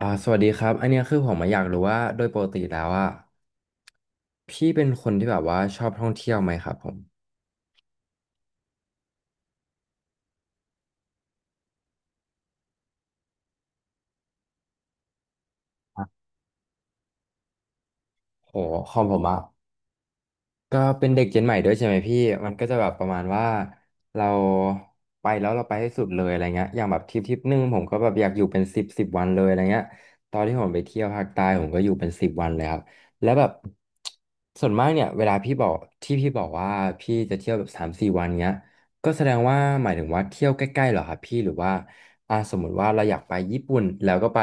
สวัสดีครับอันเนี้ยคือผมมาอยากรู้ว่าโดยปกติแล้วอ่ะพี่เป็นคนที่แบบว่าชอบท่องเที่ยวไหมครับผมโหของผมอ่ะ ก็เป็นเด็กเจนใหม่ด้วยใช่ไหมพี่ มันก็จะแบบประมาณว่าเราไปแล้วเราไปให้สุดเลยอะไรเงี้ยอย่างแบบทริปหนึ่งผมก็แบบอยากอยู่เป็นสิบวันเลยอะไรเงี้ยตอนที่ผมไปเที่ยวภาคใต้ผมก็อยู่เป็นสิบวันเลยครับแล้วแบบส่วนมากเนี่ยเวลาพี่บอกที่พี่บอกว่าพี่จะเที่ยวแบบ3-4 วันเงี้ยก็แสดงว่าหมายถึงว่าเที่ยวใกล้ๆเหรอครับพี่หรือว่าสมมุติว่าเราอยากไปญี่ปุ่นแล้วก็ไป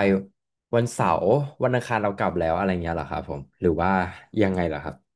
วันเสาร์วันอังคารเรากลับแล้วอะไรเงี้ยเหรอครับผมหรือว่ายังไงเหรอครับ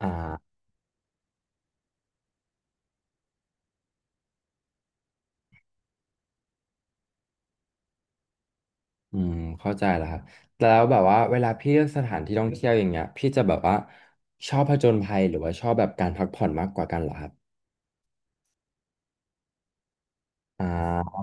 อ่า อืมเข้าใจแล้วครับแล้วแบบว่าเวลาพี่เลือกสถานที่ท่องเที่ยวอย่างเงี้ยพี่จะแบบว่าชอบผจญภัยหรือว่าชอบแบบการพักผ่อนมากกว่ากันเหรอครับอ่า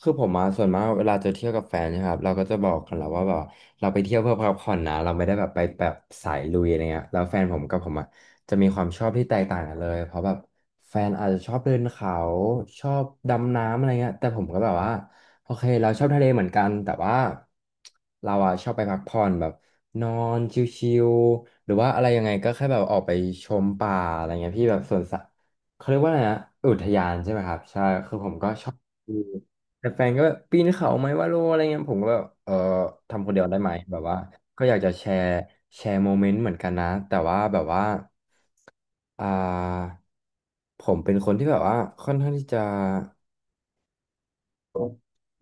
คือผมมาส่วนมากเวลาจะเที่ยวกับแฟนเนะครับเราก็จะบอกกันแล้วว่าแบบเราไปเที่ยวเพื่อพักผ่อนนะเราไม่ได้แบบไปแบบสายลุยอะไรเงี้ยแล้วแฟนผมกับผมอ่ะจะมีความชอบที่แตกต่างกันเลยเพราะแบบแฟนอาจจะชอบเดินเขาชอบดำน้ำอะไรเงี้ยแต่ผมก็แบบว่าโอเคเราชอบทะเลเหมือนกันแต่ว่าเราอ่ะชอบไปพักผ่อนแบบนอนชิลๆหรือว่าอะไรยังไงก็แค่แบบออกไปชมป่าอะไรเงี้ยพี่แบบสวนสัตว์เขาเรียกว่าอะไรนะอุทยานใช่ไหมครับใช่คือผมก็ชอบ แต่แฟนก็แบบปีนเขาไหมว่าโลอะไรเงี้ยผมก็แบบเออทำคนเดียวได้ไหมแบบว่าก็อยากจะแชร์โมเมนต์เหมือนกันนะแต่ว่าแบบว่าอ่าผมเป็นคนที่แบบว่าค่อนข้างที่จะ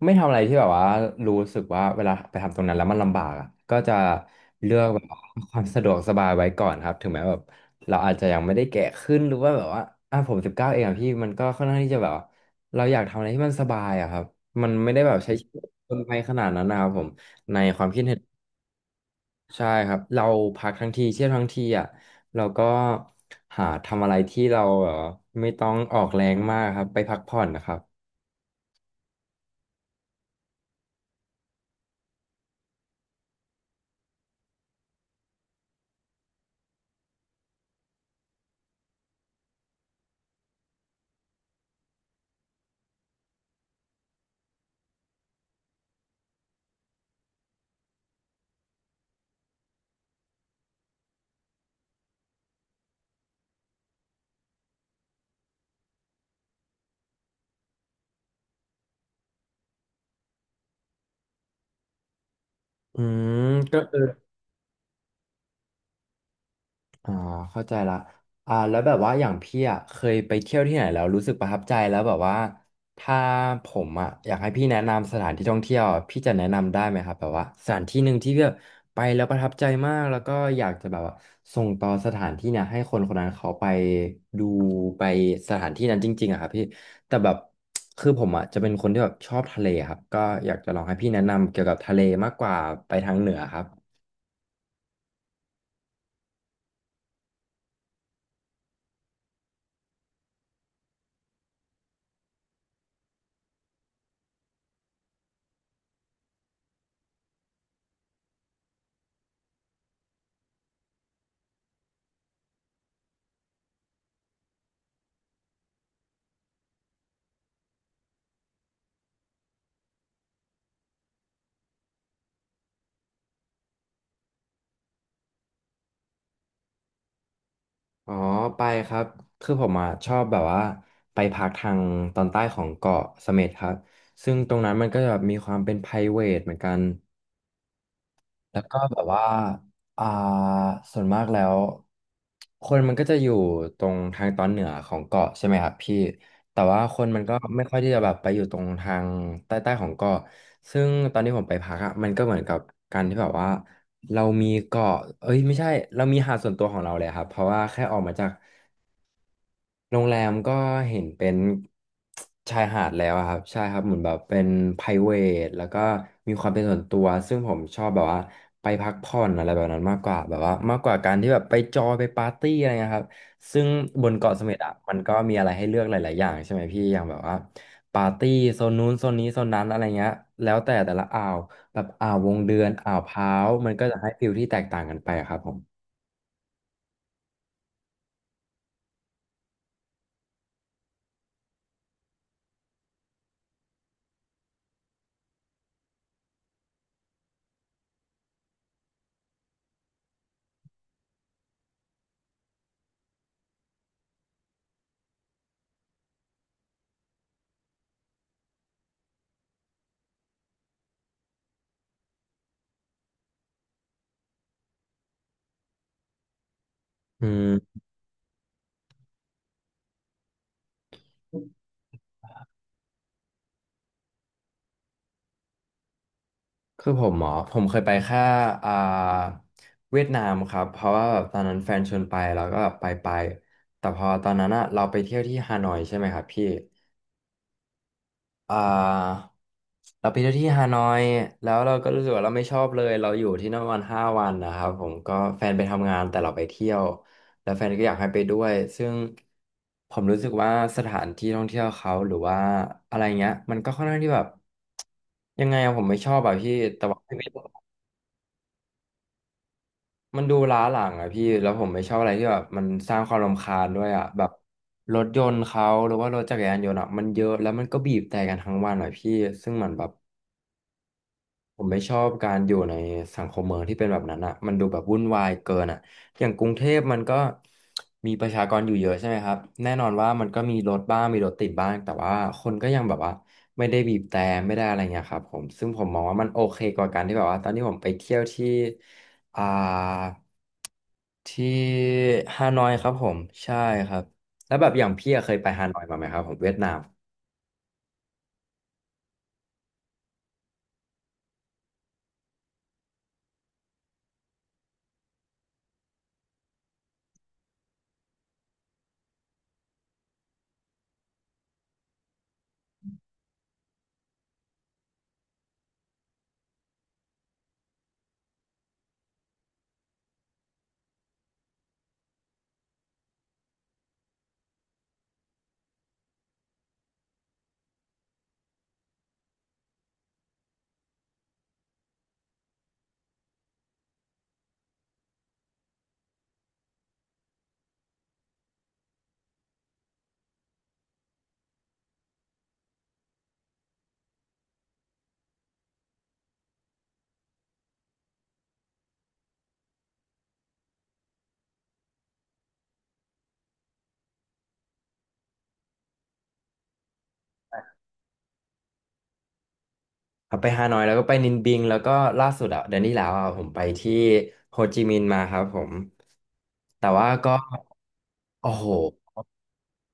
ไม่ทำอะไรที่แบบว่ารู้สึกว่าเวลาไปทำตรงนั้นแล้วมันลำบากอะก็จะเลือกแบบว่าความสะดวกสบายไว้ก่อนครับถึงแม้แบบเราอาจจะยังไม่ได้แก่ขึ้นหรือว่าแบบว่าอ่ะผม19เองอะพี่มันก็ค่อนข้างที่จะแบบว่าเราอยากทำอะไรที่มันสบายอะครับมันไม่ได้แบบใช้ชีวิตเกินไปขนาดนั้นนะครับผมใช่ครับเราพักทั้งทีเที่ยวทั้งทีอ่ะเราก็หาทำอะไรที่เราแบบว่าไม่ต้องออกแรงมากครับไปพักผ่อนนะครับอืมก็คือ อ่าเข้าใจละแล้วแบบว่าอย่างพี่อ่ะเคยไปเที่ยวที่ไหนแล้วรู้สึกประทับใจแล้วแบบว่าถ้าผมอ่ะอยากให้พี่แนะนำสถานที่ท่องเที่ยวอะพี่จะแนะนำได้ไหมครับแบบว่าสถานที่หนึ่งที่พี่แบบไปแล้วประทับใจมากแล้วก็อยากจะแบบว่าส่งต่อสถานที่เนี่ยให้คนคนนั้นเขาไปดูไปสถานที่นั้นจริงๆอะครับพี่แต่แบบคือผมอ่ะจะเป็นคนที่แบบชอบทะเลครับก็อยากจะลองให้พี่แนะนำเกี่ยวกับทะเลมากกว่าไปทางเหนือครับ อ๋อไปครับคือผมอ่ะชอบแบบว่าไปพักทางตอนใต้ของเกาะเสม็ดครับซึ่งตรงนั้นมันก็จะแบบมีความเป็น private เหมือนกันแล้วก็แบบว่าอ่าส่วนมากแล้วคนมันก็จะอยู่ตรงทางตอนเหนือของเกาะใช่ไหมครับพี่แต่ว่าคนมันก็ไม่ค่อยที่จะแบบไปอยู่ตรงทางใต้ๆของเกาะซึ่งตอนที่ผมไปพักอ่ะมันก็เหมือนกับการที่แบบว่าเรามีเกาะเอ้ยไม่ใช่เรามีหาดส่วนตัวของเราเลยครับเพราะว่าแค่ออกมาจาก โรงแรมก็เห็นเป็นชายหาดแล้วอะครับใช่ครับเหมือนแบบเป็นไ r รเ a ทแล้วก็มีความเป็นส่วนตัวซึ่งผมชอบแบบว่าไปพักผ่อนอะไรแบบนั้นมากกว่าแบบว่ามากกว่าการที่แบบไปจอยไปปาร์ตี้อะไรเงี้ยครับซึ่งบนเกาะเสม็ดอะมันก็มีอะไรให้เลือกหลายๆอย่างใช่ไหมพี่อย่างแบบว่าปาร์ตี้โซนนู้นโซนนี้โซนนั้นอะไรเงี้ยแล้วแต่ละอ่าวแบบอ่าววงเดือนอ่าวพร้าวมันก็จะให้ฟิลที่แตกต่างกันไปอะครับผมอืม คือผมหมอผมเคยไปแค่อ่าเวียดนามครับเพราะว่าแบบตอนนั้นแฟนชวนไปแล้วก็ไปแต่พอตอนนั้นอะเราไปเที่ยวที่ฮานอยใช่ไหมครับพี่อ่าเราไปเที่ยวที่ฮานอยแล้วเราก็รู้สึกว่าเราไม่ชอบเลยเราอยู่ที่นั่นวัน5 วันนะครับผมก็แฟนไปทำงานแต่เราไปเที่ยวแล้วแฟนก็อยากให้ไปด้วยซึ่งผมรู้สึกว่าสถานที่ท่องเที่ยวเขาหรือว่าอะไรเงี้ยมันก็ค่อนข้างที่แบบยังไงอะผมไม่ชอบอะพี่แต่ว่า มันดูล้าหลังอะพี่แล้วผมไม่ชอบอะไรที่แบบมันสร้างความรำคาญด้วยอะแบบรถยนต์เขาหรือว่ารถจักรยานยนต์อะมันเยอะแล้วมันก็บีบแต่กันทั้งวันอะพี่ซึ่งมันแบบผมไม่ชอบการอยู่ในสังคมเมืองที่เป็นแบบนั้นอะมันดูแบบวุ่นวายเกินอะอย่างกรุงเทพมันก็มีประชากรอยู่เยอะใช่ไหมครับแน่นอนว่ามันก็มีรถบ้างมีรถติดบ้างแต่ว่าคนก็ยังแบบว่าไม่ได้บีบแต่ไม่ได้อะไรเงี้ยครับผมซึ่งผมมองว่ามันโอเคกว่าการที่แบบว่าตอนที่ผมไปเที่ยวที่อ่า ที่ฮานอยครับผมใช่ครับแล้วแบบอย่างพี่อะเคยไปฮานอยมาไหมครับผมเวียดนามครับไปฮานอยแล้วก็ไปนินบิงแล้วก็ล่าสุดอะเดือนที่แล้วอะผมไปที่โฮจิมินห์มาครับผมแต่ว่าก็โอ้โห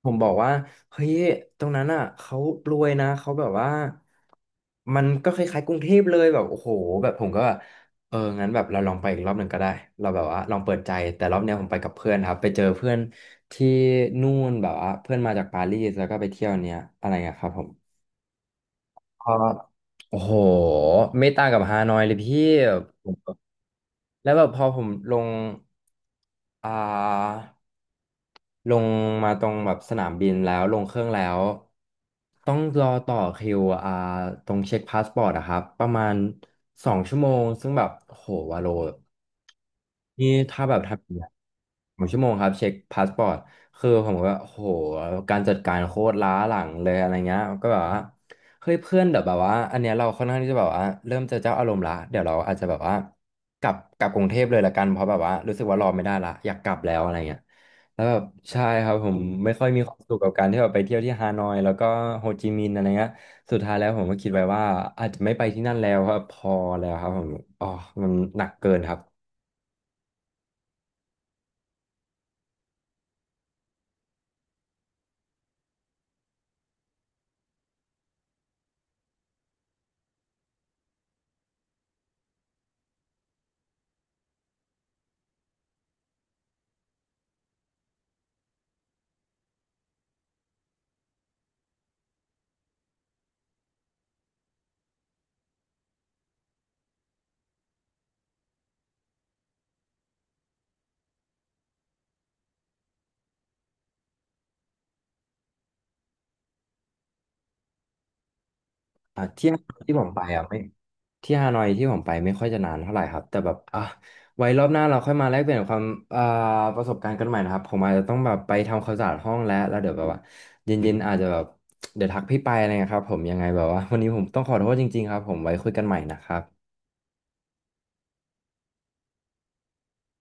ผมบอกว่าเฮ้ยตรงนั้นอ่ะเขารวยนะเขาแบบว่ามันก็คล้ายๆกรุงเทพเลยแบบโอ้โหแบบผมก็แบบเอองั้นแบบเราลองไปอีกรอบหนึ่งก็ได้เราแบบว่าลองเปิดใจแต่รอบเนี้ยผมไปกับเพื่อนครับไปเจอเพื่อนที่นู่นแบบว่าเพื่อนมาจากปารีสแล้วก็ไปเที่ยวเนี้ยอะไรอะครับผมก็โอ้โหไม่ต่างกับฮานอยเลยพี่ผมแล้วแบบพอผมลงอ่า ลงมาตรงแบบสนามบินแล้วลงเครื่องแล้วต้องรอต่อคิวอ่าตรงเช็คพาสปอร์ตอะครับประมาณสองชั่วโมงซึ่งแบบโหวาโลนี่ถ้าแบบทำอย่างเงี้ยสองชั่วโมงครับเช็คพาสปอร์ตคือผมก็โหการจัดการโคตรล้าหลังเลยอะไรเงี้ยก็แบบว่าเฮ้ยเพื่อนเดี๋ยวแบบว่าอันเนี้ยเราค่อนข้างที่จะแบบว่าเริ่มจะเจ้าอารมณ์ละเดี๋ยวเราอาจจะแบบว่ากลับกรุงเทพเลยละกันเพราะแบบว่ารู้สึกว่ารอไม่ได้ละอยากกลับแล้วอะไรเงี้ย แล้วแบบใช่ครับผมไม่ค่อยมีความสุขกับการที่แบบไปเที่ยวที่ฮานอยแล้วก็โฮจิมินห์อะไรเงี้ยสุดท้ายแล้วผมก็คิดไว้ว่าอาจจะไม่ไปที่นั่นแล้วครับพอแล้วครับผมอ๋อมันหนักเกินครับอ่ะที่ที่ผมไปอ่ะไม่ที่ฮานอยที่ผมไปไม่ค่อยจะนานเท่าไหร่ครับแต่แบบอ่ะไว้รอบหน้าเราค่อยมาแลกเปลี่ยนความอ่าประสบการณ์กันใหม่นะครับผมอาจจะต้องแบบไปทำความสะอาดห้องแล้วแล้วเดี๋ยวแบบว่าเย็นๆอาจจะแบบเดี๋ยวทักพี่ไปอะไรเงี้ยครับผมยังไงแบบว่าวันนี้ผมต้องขอโทษจริงๆครับผมไว้คุยกันใหม่นะครับ